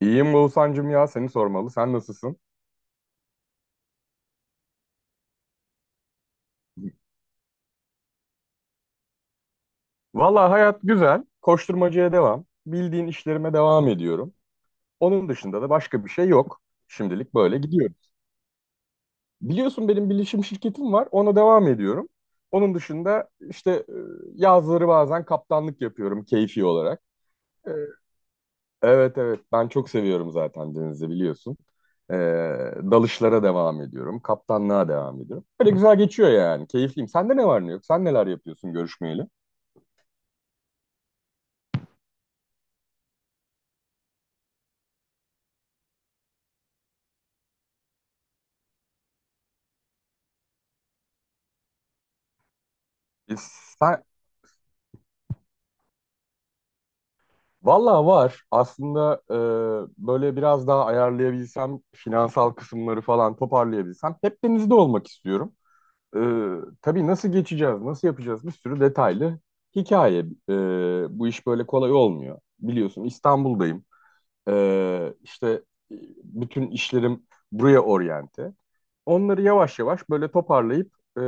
İyiyim Oğuzhan'cım ya seni sormalı. Sen nasılsın? Valla hayat güzel. Koşturmacaya devam. Bildiğin işlerime devam ediyorum. Onun dışında da başka bir şey yok. Şimdilik böyle gidiyoruz. Biliyorsun benim bilişim şirketim var. Ona devam ediyorum. Onun dışında işte yazları bazen kaptanlık yapıyorum keyfi olarak. E, Evet, evet, ben çok seviyorum zaten, denizi biliyorsun. E, dalışlara devam ediyorum. Kaptanlığa devam ediyorum. Böyle güzel geçiyor yani. Keyifliyim. Sende ne var ne yok? Sen neler yapıyorsun görüşmeyeli? E, Sen, valla var. Aslında böyle biraz daha ayarlayabilsem, finansal kısımları falan toparlayabilsem hep denizde olmak istiyorum. E, tabii nasıl geçeceğiz, nasıl yapacağız, bir sürü detaylı hikaye. E, bu iş böyle kolay olmuyor. Biliyorsun İstanbul'dayım. E, işte e, bütün işlerim buraya oryante. Onları yavaş yavaş böyle toparlayıp e,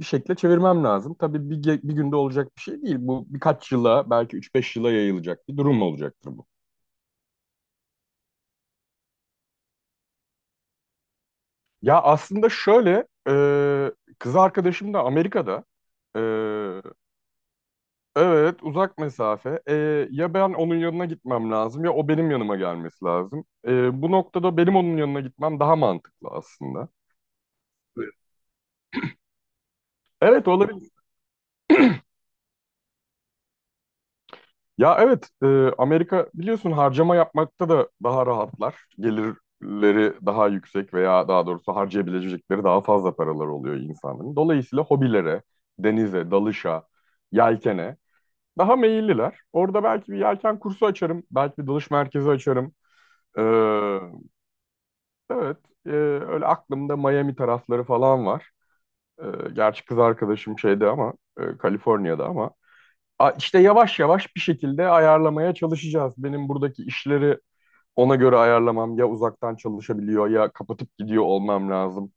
bir şekilde çevirmem lazım. Tabii bir günde olacak bir şey değil. Bu birkaç yıla, belki üç beş yıla yayılacak bir durum olacaktır bu. Ya aslında şöyle kız arkadaşım da Amerika'da. E, evet, uzak mesafe. Ya ben onun yanına gitmem lazım ya o benim yanıma gelmesi lazım. Bu noktada benim onun yanına gitmem daha mantıklı aslında. Evet, olabilir. Ya evet, Amerika biliyorsun harcama yapmakta da daha rahatlar. Gelirleri daha yüksek veya daha doğrusu harcayabilecekleri daha fazla paralar oluyor insanların. Dolayısıyla hobilere, denize, dalışa, yelkene daha meyilliler. Orada belki bir yelken kursu açarım, belki bir dalış merkezi açarım. E, evet, e, öyle aklımda Miami tarafları falan var. E, gerçi kız arkadaşım şeyde ama, Kaliforniya'da ama. A- işte yavaş yavaş bir şekilde ayarlamaya çalışacağız. Benim buradaki işleri ona göre ayarlamam, ya uzaktan çalışabiliyor ya kapatıp gidiyor olmam lazım.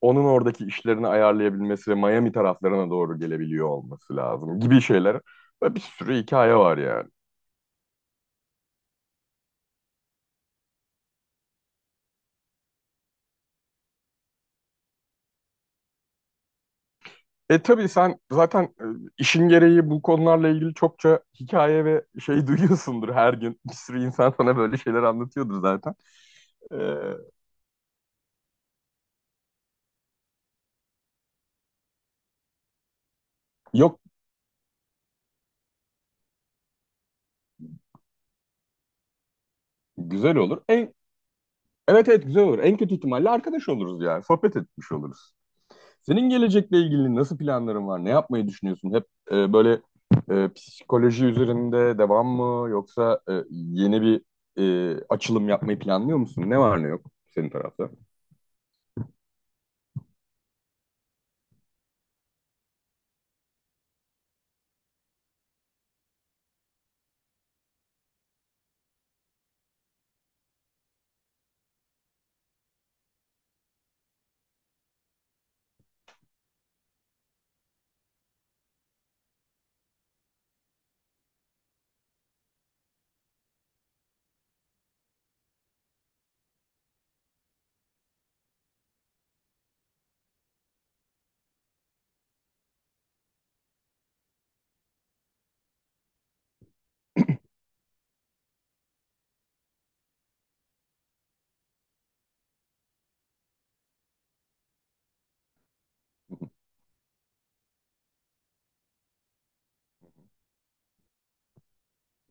Onun oradaki işlerini ayarlayabilmesi ve Miami taraflarına doğru gelebiliyor olması lazım gibi şeyler. Ve bir sürü hikaye var yani. Tabii sen zaten işin gereği bu konularla ilgili çokça hikaye ve şey duyuyorsundur her gün. Bir sürü insan sana böyle şeyler anlatıyordur zaten. E, yok, güzel olur. Evet, evet, güzel olur. En kötü ihtimalle arkadaş oluruz yani. Sohbet etmiş oluruz. Senin gelecekle ilgili nasıl planların var? Ne yapmayı düşünüyorsun? Hep böyle psikoloji üzerinde devam mı? Yoksa yeni bir açılım yapmayı planlıyor musun? Ne var ne yok senin tarafta?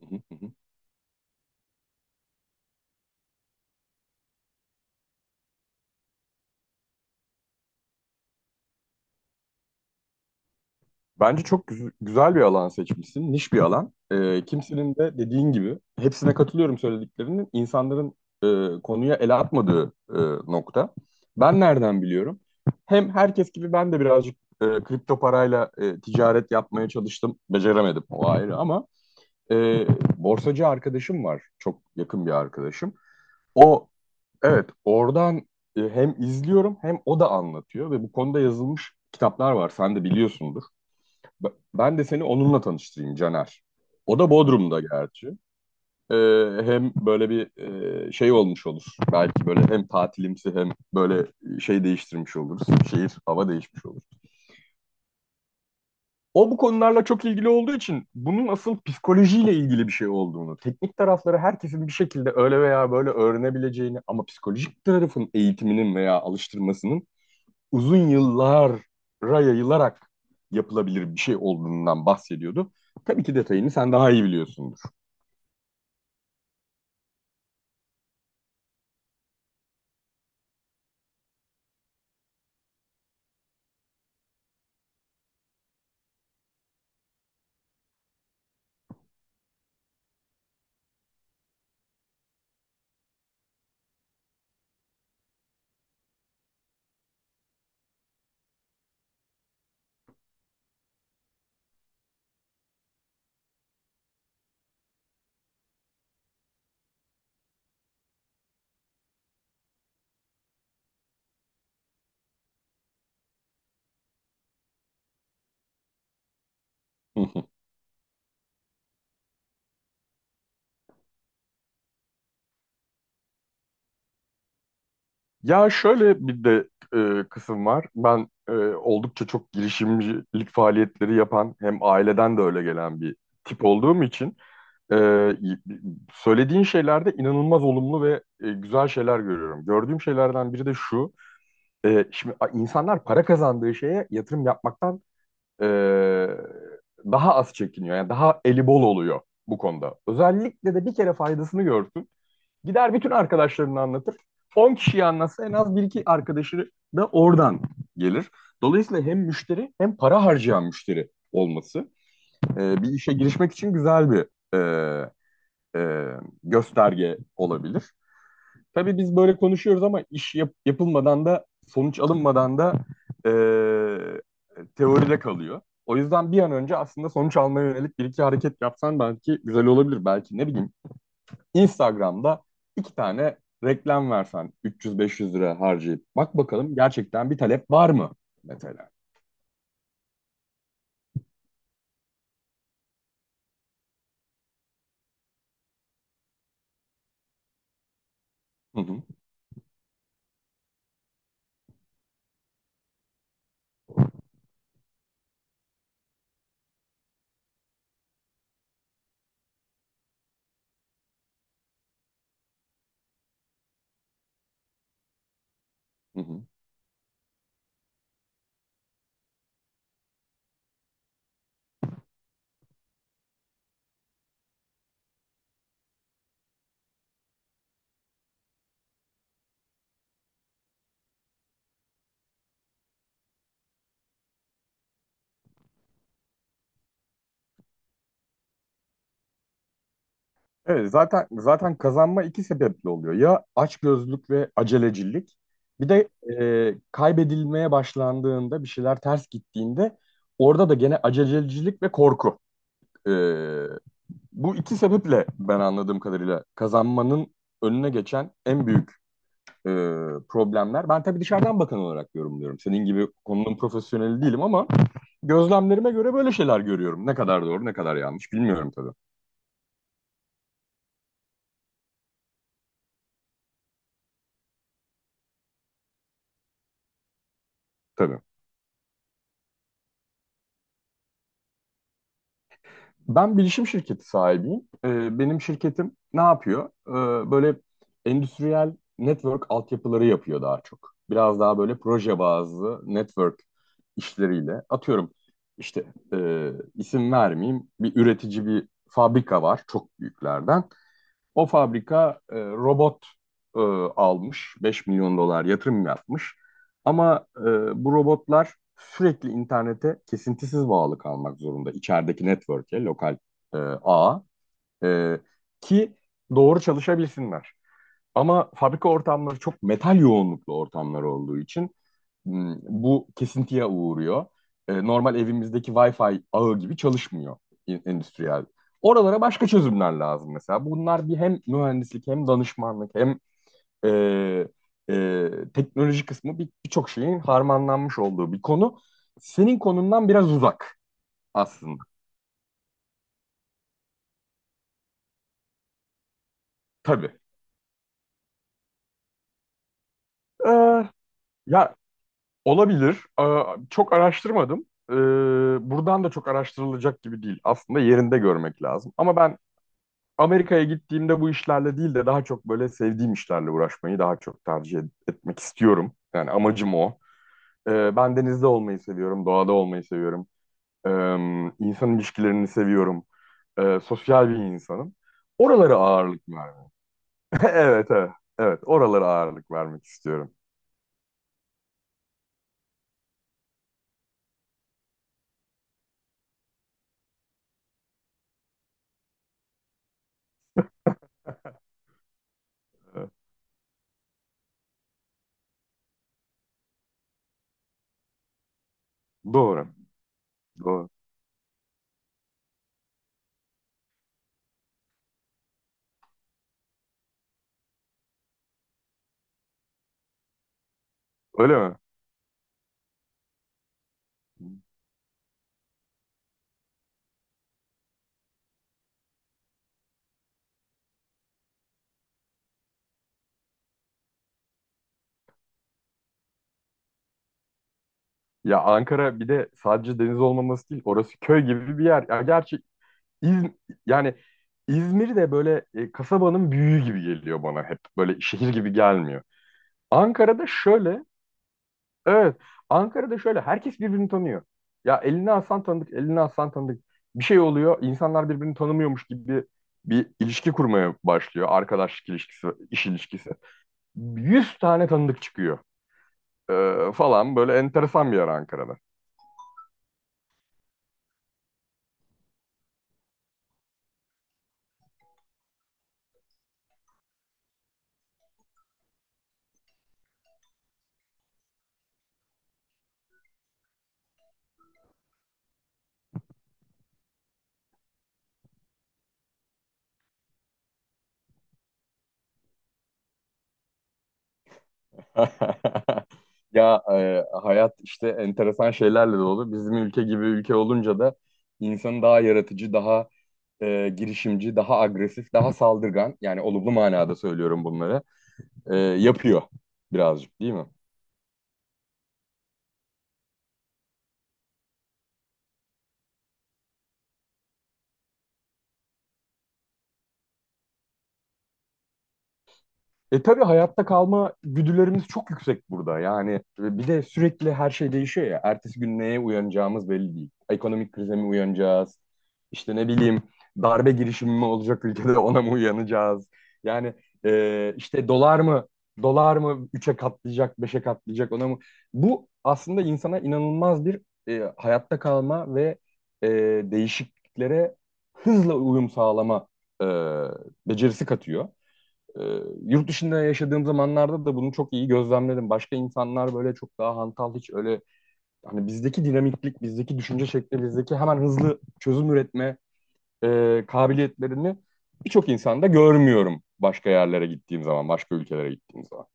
Bence çok güzel bir alan seçmişsin, niş bir alan. Kimsenin de dediğin gibi, hepsine katılıyorum söylediklerinin, insanların e, konuya el atmadığı nokta. Ben nereden biliyorum? Hem herkes gibi ben de birazcık kripto parayla ticaret yapmaya çalıştım, beceremedim, o ayrı, ama e, borsacı arkadaşım var, çok yakın bir arkadaşım. O, evet, oradan hem izliyorum hem o da anlatıyor ve bu konuda yazılmış kitaplar var, sen de biliyorsundur. B- Ben de seni onunla tanıştırayım Caner. O da Bodrum'da gerçi. Ee, hem böyle bir şey olmuş olur. Belki böyle hem tatilimsi hem böyle şey değiştirmiş oluruz. Şehir, hava değişmiş olur. O bu konularla çok ilgili olduğu için bunun asıl psikolojiyle ilgili bir şey olduğunu, teknik tarafları herkesin bir şekilde öyle veya böyle öğrenebileceğini ama psikolojik tarafın eğitiminin veya alıştırmasının uzun yıllara yayılarak yapılabilir bir şey olduğundan bahsediyordu. Tabii ki detayını sen daha iyi biliyorsundur. Ya şöyle bir de kısım var. Ben oldukça çok girişimcilik faaliyetleri yapan, hem aileden de öyle gelen bir tip olduğum için e, söylediğin şeylerde inanılmaz olumlu ve güzel şeyler görüyorum. Gördüğüm şeylerden biri de şu. Şimdi insanlar para kazandığı şeye yatırım yapmaktan e, daha az çekiniyor. Yani daha eli bol oluyor bu konuda. Özellikle de bir kere faydasını görsün. Gider bütün arkadaşlarını anlatır. 10 kişiyi anlatsa en az bir iki arkadaşı da oradan gelir. Dolayısıyla hem müşteri hem para harcayan müşteri olması bir işe girişmek için güzel bir e, e, gösterge olabilir. Tabii biz böyle konuşuyoruz ama iş yapılmadan da, sonuç alınmadan da eee, teoride kalıyor. O yüzden bir an önce aslında sonuç almaya yönelik bir iki hareket yapsan belki güzel olabilir. Belki ne bileyim, Instagram'da iki tane reklam versen, 300-500 lira harcayıp bak bakalım gerçekten bir talep var mı mesela? Hı hı, hı hı. Evet, zaten kazanma iki sebeple oluyor. Ya açgözlülük ve acelecilik. Bir de kaybedilmeye başlandığında, bir şeyler ters gittiğinde, orada da gene acelecilik ve korku. E, bu iki sebeple ben anladığım kadarıyla kazanmanın önüne geçen en büyük e, problemler. Ben tabii dışarıdan bakan olarak yorumluyorum. Senin gibi konunun profesyoneli değilim ama gözlemlerime göre böyle şeyler görüyorum. Ne kadar doğru, ne kadar yanlış bilmiyorum tabii. Tabii. Ben bilişim şirketi sahibiyim. Benim şirketim ne yapıyor? Böyle endüstriyel network altyapıları yapıyor daha çok. Biraz daha böyle proje bazlı network işleriyle. Atıyorum işte, isim vermeyeyim, bir üretici bir fabrika var çok büyüklerden. O fabrika robot e, almış, 5 milyon dolar yatırım yapmış. Ama bu robotlar sürekli internete kesintisiz bağlı kalmak zorunda. İçerideki network'e, lokal e, ağa e, ki doğru çalışabilsinler. Ama fabrika ortamları çok metal yoğunluklu ortamlar olduğu için bu kesintiye uğruyor. Normal evimizdeki Wi-Fi ağı gibi çalışmıyor endüstriyel. Oralara başka çözümler lazım mesela. Bunlar bir hem mühendislik hem danışmanlık hem e, teknoloji kısmı, birçok şeyin harmanlanmış olduğu bir konu. Senin konundan biraz uzak aslında. Tabii. Ee, ya olabilir. Aa, çok araştırmadım. Buradan da çok araştırılacak gibi değil. Aslında yerinde görmek lazım. Ama ben Amerika'ya gittiğimde bu işlerle değil de daha çok böyle sevdiğim işlerle uğraşmayı daha çok tercih etmek istiyorum. Yani amacım o. Ben denizde olmayı seviyorum, doğada olmayı seviyorum. Ee, insan ilişkilerini seviyorum. Sosyal bir insanım. Oralara ağırlık vermek. Evet, evet. Evet, oralara ağırlık vermek istiyorum. Evet. Doğru, doğru. Öyle mi? Ya Ankara bir de sadece deniz olmaması değil, orası köy gibi bir yer. Ya gerçi İz- yani İzmir de böyle kasabanın büyüğü gibi geliyor bana hep. Böyle şehir gibi gelmiyor. Ankara'da şöyle, evet, Ankara'da şöyle herkes birbirini tanıyor. Ya elini alsan tanıdık, elini alsan tanıdık. Bir şey oluyor, insanlar birbirini tanımıyormuş gibi bir ilişki kurmaya başlıyor. Arkadaşlık ilişkisi, iş ilişkisi. 100 tane tanıdık çıkıyor falan, böyle enteresan bir yer Ankara'da. Ya hayat işte enteresan şeylerle dolu. Bizim ülke gibi ülke olunca da insanı daha yaratıcı, daha girişimci, daha agresif, daha saldırgan, yani olumlu manada söylüyorum bunları yapıyor birazcık, değil mi? Tabii hayatta kalma güdülerimiz çok yüksek burada. Yani bir de sürekli her şey değişiyor ya. Ertesi gün neye uyanacağımız belli değil. Ekonomik krize mi uyanacağız? İşte ne bileyim, darbe girişimi mi olacak ülkede, ona mı uyanacağız? Yani işte dolar mı üçe katlayacak, beşe katlayacak, ona mı? Bu aslında insana inanılmaz bir hayatta kalma ve e, değişikliklere hızla uyum sağlama e, becerisi katıyor. Ee, yurt dışında yaşadığım zamanlarda da bunu çok iyi gözlemledim. Başka insanlar böyle çok daha hantal, hiç öyle hani bizdeki dinamiklik, bizdeki düşünce şekli, bizdeki hemen hızlı çözüm üretme kabiliyetlerini birçok insanda görmüyorum başka yerlere gittiğim zaman, başka ülkelere gittiğim zaman.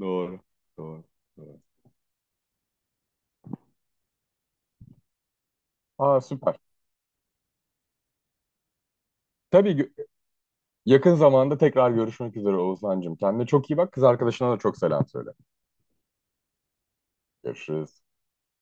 Doğru, doğru, doğru. Aa, süper. Tabii yakın zamanda tekrar görüşmek üzere Oğuzhan'cığım. Kendine çok iyi bak. Kız arkadaşına da çok selam söyle. Görüşürüz.